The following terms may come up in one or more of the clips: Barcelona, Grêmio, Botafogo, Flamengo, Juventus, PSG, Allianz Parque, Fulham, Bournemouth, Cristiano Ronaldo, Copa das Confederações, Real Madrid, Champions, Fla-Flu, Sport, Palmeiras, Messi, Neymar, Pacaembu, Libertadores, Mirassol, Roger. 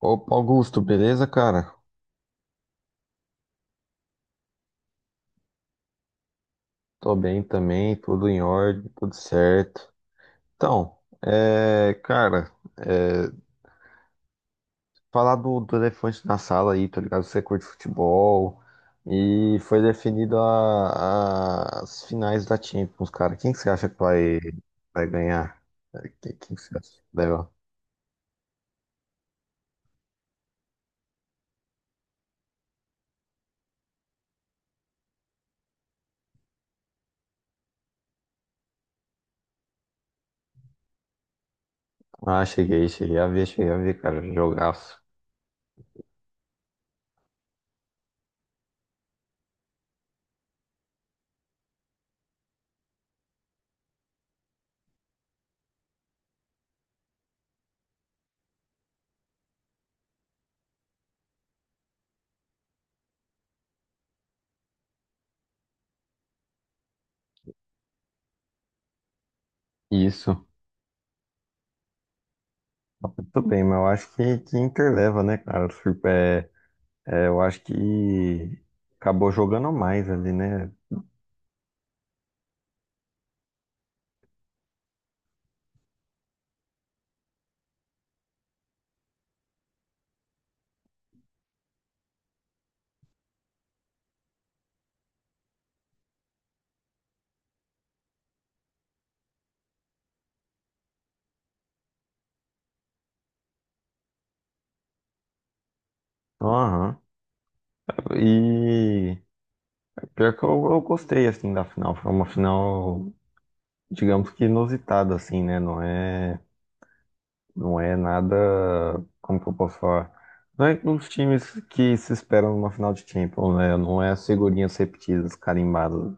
Opa, Augusto, beleza, cara? Tô bem também, tudo em ordem, tudo certo. Então, cara, é, falar do elefante na sala aí, tá ligado? Você curte futebol e foi definido as finais da Champions, cara. Quem que você acha que vai ganhar? É, quem que você acha que leva? Ah, cheguei a ver, cara, jogaço. Isso, muito bem, mas eu acho que Inter leva, né, cara? Eu acho que acabou jogando mais ali, né? Aham. E pior que eu gostei assim da final. Foi uma final, digamos que inusitada, assim, né? Não é nada, como que eu posso falar? Não é dos times que se esperam numa final de Champions, né? Não é as figurinhas repetidas, carimbadas.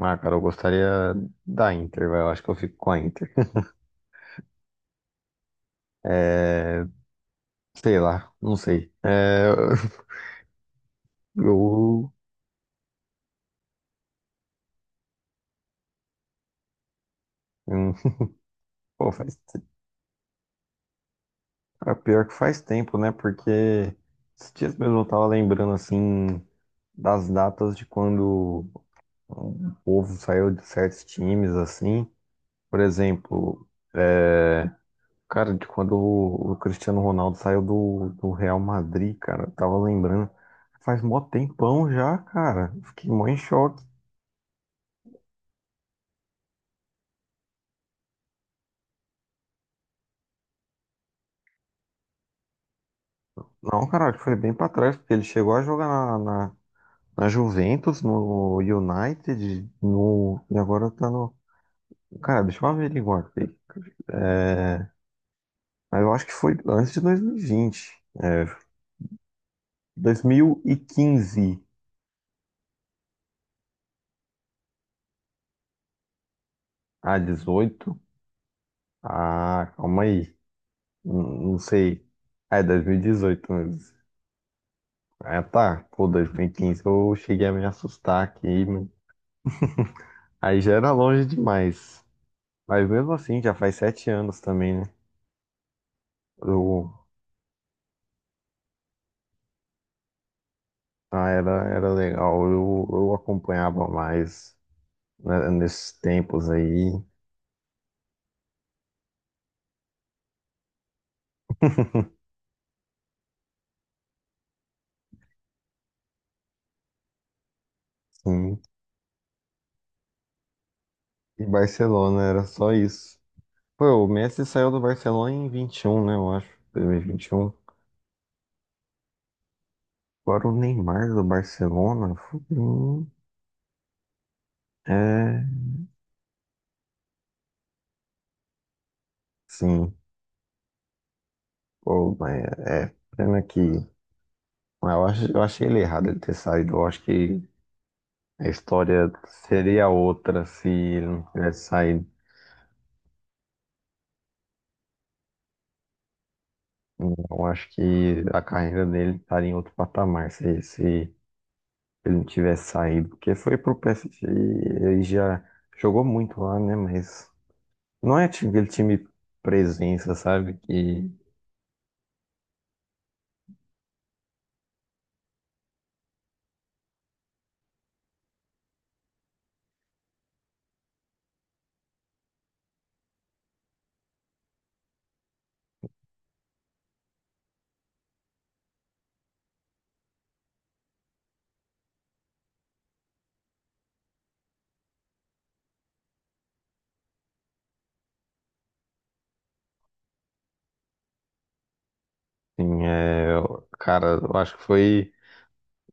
Ah, cara, eu gostaria da Inter, velho. Eu acho que eu fico com a Inter. É, sei lá, não sei. É, eu, eu- Pô, faz Ah, pior que faz tempo, né? Porque esses dias mesmo eu tava lembrando, assim, das datas de quando o povo saiu de certos times, assim. Por exemplo, é... cara, de quando o Cristiano Ronaldo saiu do Real Madrid, cara. Eu tava lembrando, faz mó tempão já, cara. Fiquei mó em choque. Não, cara, acho que foi bem pra trás, porque ele chegou a jogar na Juventus, no United, no, e agora tá no. Cara, deixa eu averiguar aqui. É, mas eu acho que foi antes de 2020. É, 2015 a 18. Ah, calma aí. Não sei. Ah, é 2018 mesmo. Ah, tá. Pô, 2015 eu cheguei a me assustar aqui, mas aí já era longe demais. Mas mesmo assim, já faz 7 anos também, né? Eu, ah, era legal. Eu acompanhava mais, né, nesses tempos aí. Sim. E Barcelona era só isso. Pô, o Messi saiu do Barcelona em 21, né? Eu acho. 2021. Agora o Neymar do Barcelona, fudeu. É. Sim. Pô, mas é, é pena que. Mas eu eu achei ele errado ele ter saído. Eu acho que a história seria outra se ele não tivesse saído. Eu acho que a carreira dele estaria em outro patamar se ele não tivesse saído. Porque foi pro PSG e ele já jogou muito lá, né? Mas. Não é tipo aquele time presença, sabe? Que, assim, é, cara, eu acho que foi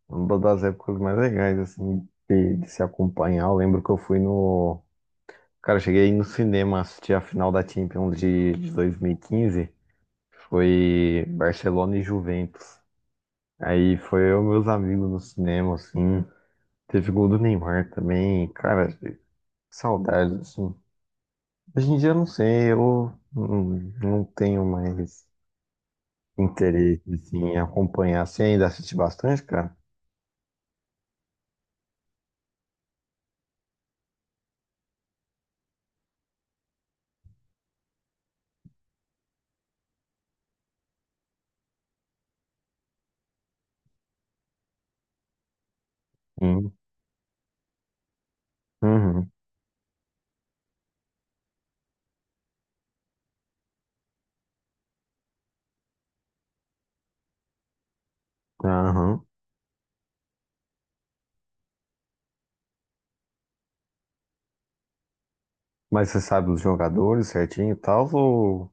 uma das épocas mais legais, assim, de se acompanhar. Eu lembro que eu fui no. Cara, eu cheguei no cinema assistir a final da Champions de 2015. Foi Barcelona e Juventus. Aí foi eu e meus amigos no cinema, assim. Teve gol do Neymar também. Cara, saudades, assim. Hoje em dia, eu não sei, eu não, não tenho mais interesse assim, em acompanhar. Você ainda assiste bastante, cara? Hum. Uhum. Aham. Mas você sabe os jogadores certinho e tal? Ou...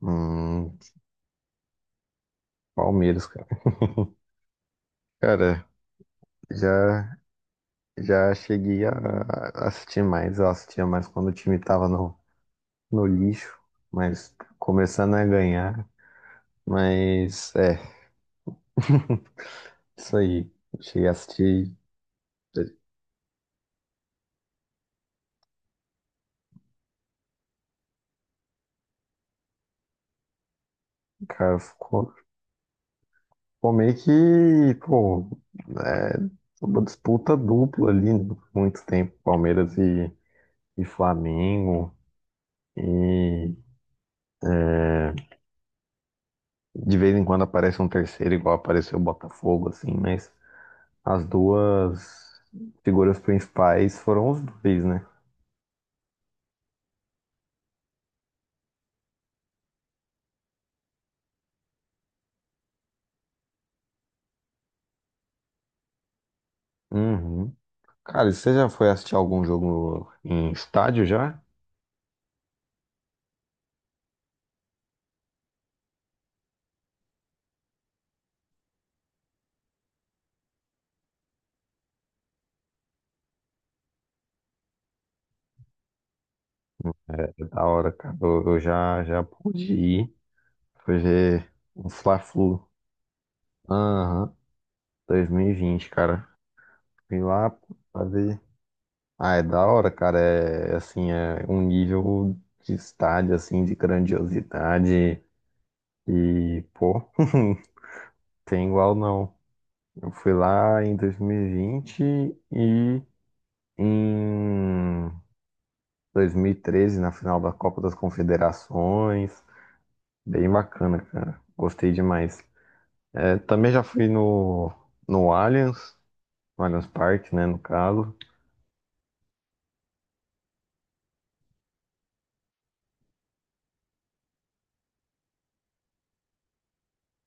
Hum, Palmeiras, cara. Cara, já, já cheguei a assistir mais. Eu assistia mais quando o time tava no lixo, mas começando a ganhar. Mas é, isso aí. Cheguei a assistir, cara, ficou meio que, pô, é, uma disputa dupla ali, né, por muito tempo, Palmeiras e Flamengo, e é, de vez em quando aparece um terceiro, igual apareceu o Botafogo, assim, mas as duas figuras principais foram os dois, né? Uhum. Cara, e você já foi assistir algum jogo em estádio já? É da hora, cara. Já pude ir. Foi ver um Fla-Flu. Aham, 2020, cara. Fui lá fazer. Ah, é da hora, cara. É assim, é um nível de estádio, assim, de grandiosidade. E, pô, tem igual não. Eu fui lá em 2020 e vinte e em 2013, na final da Copa das Confederações. Bem bacana, cara. Gostei demais. É, também já fui no Allianz, no Allianz Parque, né, no caso.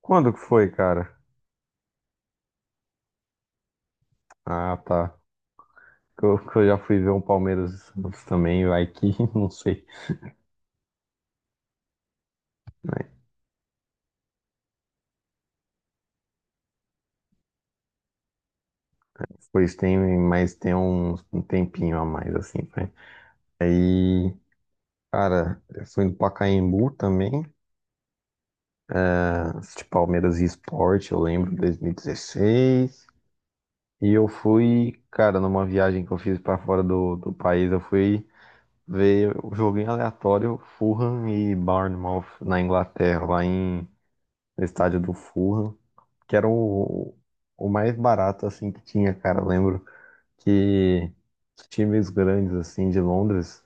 Quando que foi, cara? Ah, tá. Que eu já fui ver um Palmeiras e Santos também, vai que, não sei. Mas depois tem, mas tem um tempinho a mais, assim, vai. Aí, cara, eu fui no Pacaembu também, ah, de Palmeiras e Sport, eu lembro, 2016. E 16. E eu fui, cara, numa viagem que eu fiz pra fora do país, eu fui ver o jogo em aleatório, Fulham e Bournemouth na Inglaterra, lá em, no estádio do Fulham, que era o, o mais barato assim que tinha, cara. Eu lembro que os times grandes assim de Londres,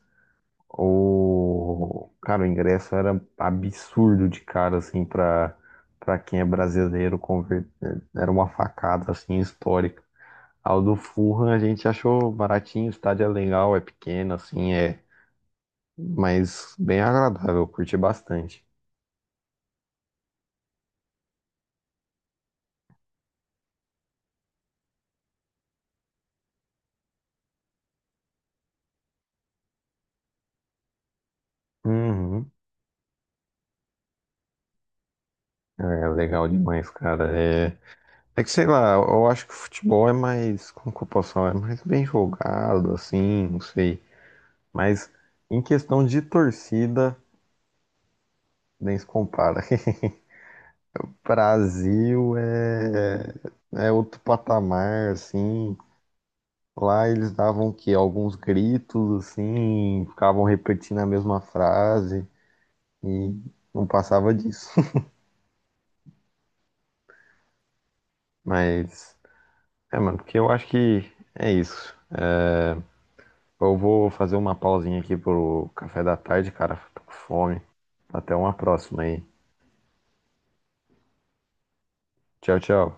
o cara, o ingresso era absurdo de cara assim para quem é brasileiro era uma facada assim histórica. Ao do Fulham a gente achou baratinho, o estádio é legal, é pequeno assim, mas bem agradável, eu curti bastante. Uhum. É legal demais, cara. É É que sei lá, eu acho que o futebol é mais, como que eu posso falar, é mais bem jogado, assim, não sei. Mas em questão de torcida, nem se compara. Brasil é outro patamar, assim. Lá eles davam o quê? Alguns gritos, assim, ficavam repetindo a mesma frase e não passava disso. Mas, é, mano, porque eu acho que é isso. Eu vou fazer uma pausinha aqui pro café da tarde, cara. Tô com fome. Até uma próxima aí. Tchau, tchau.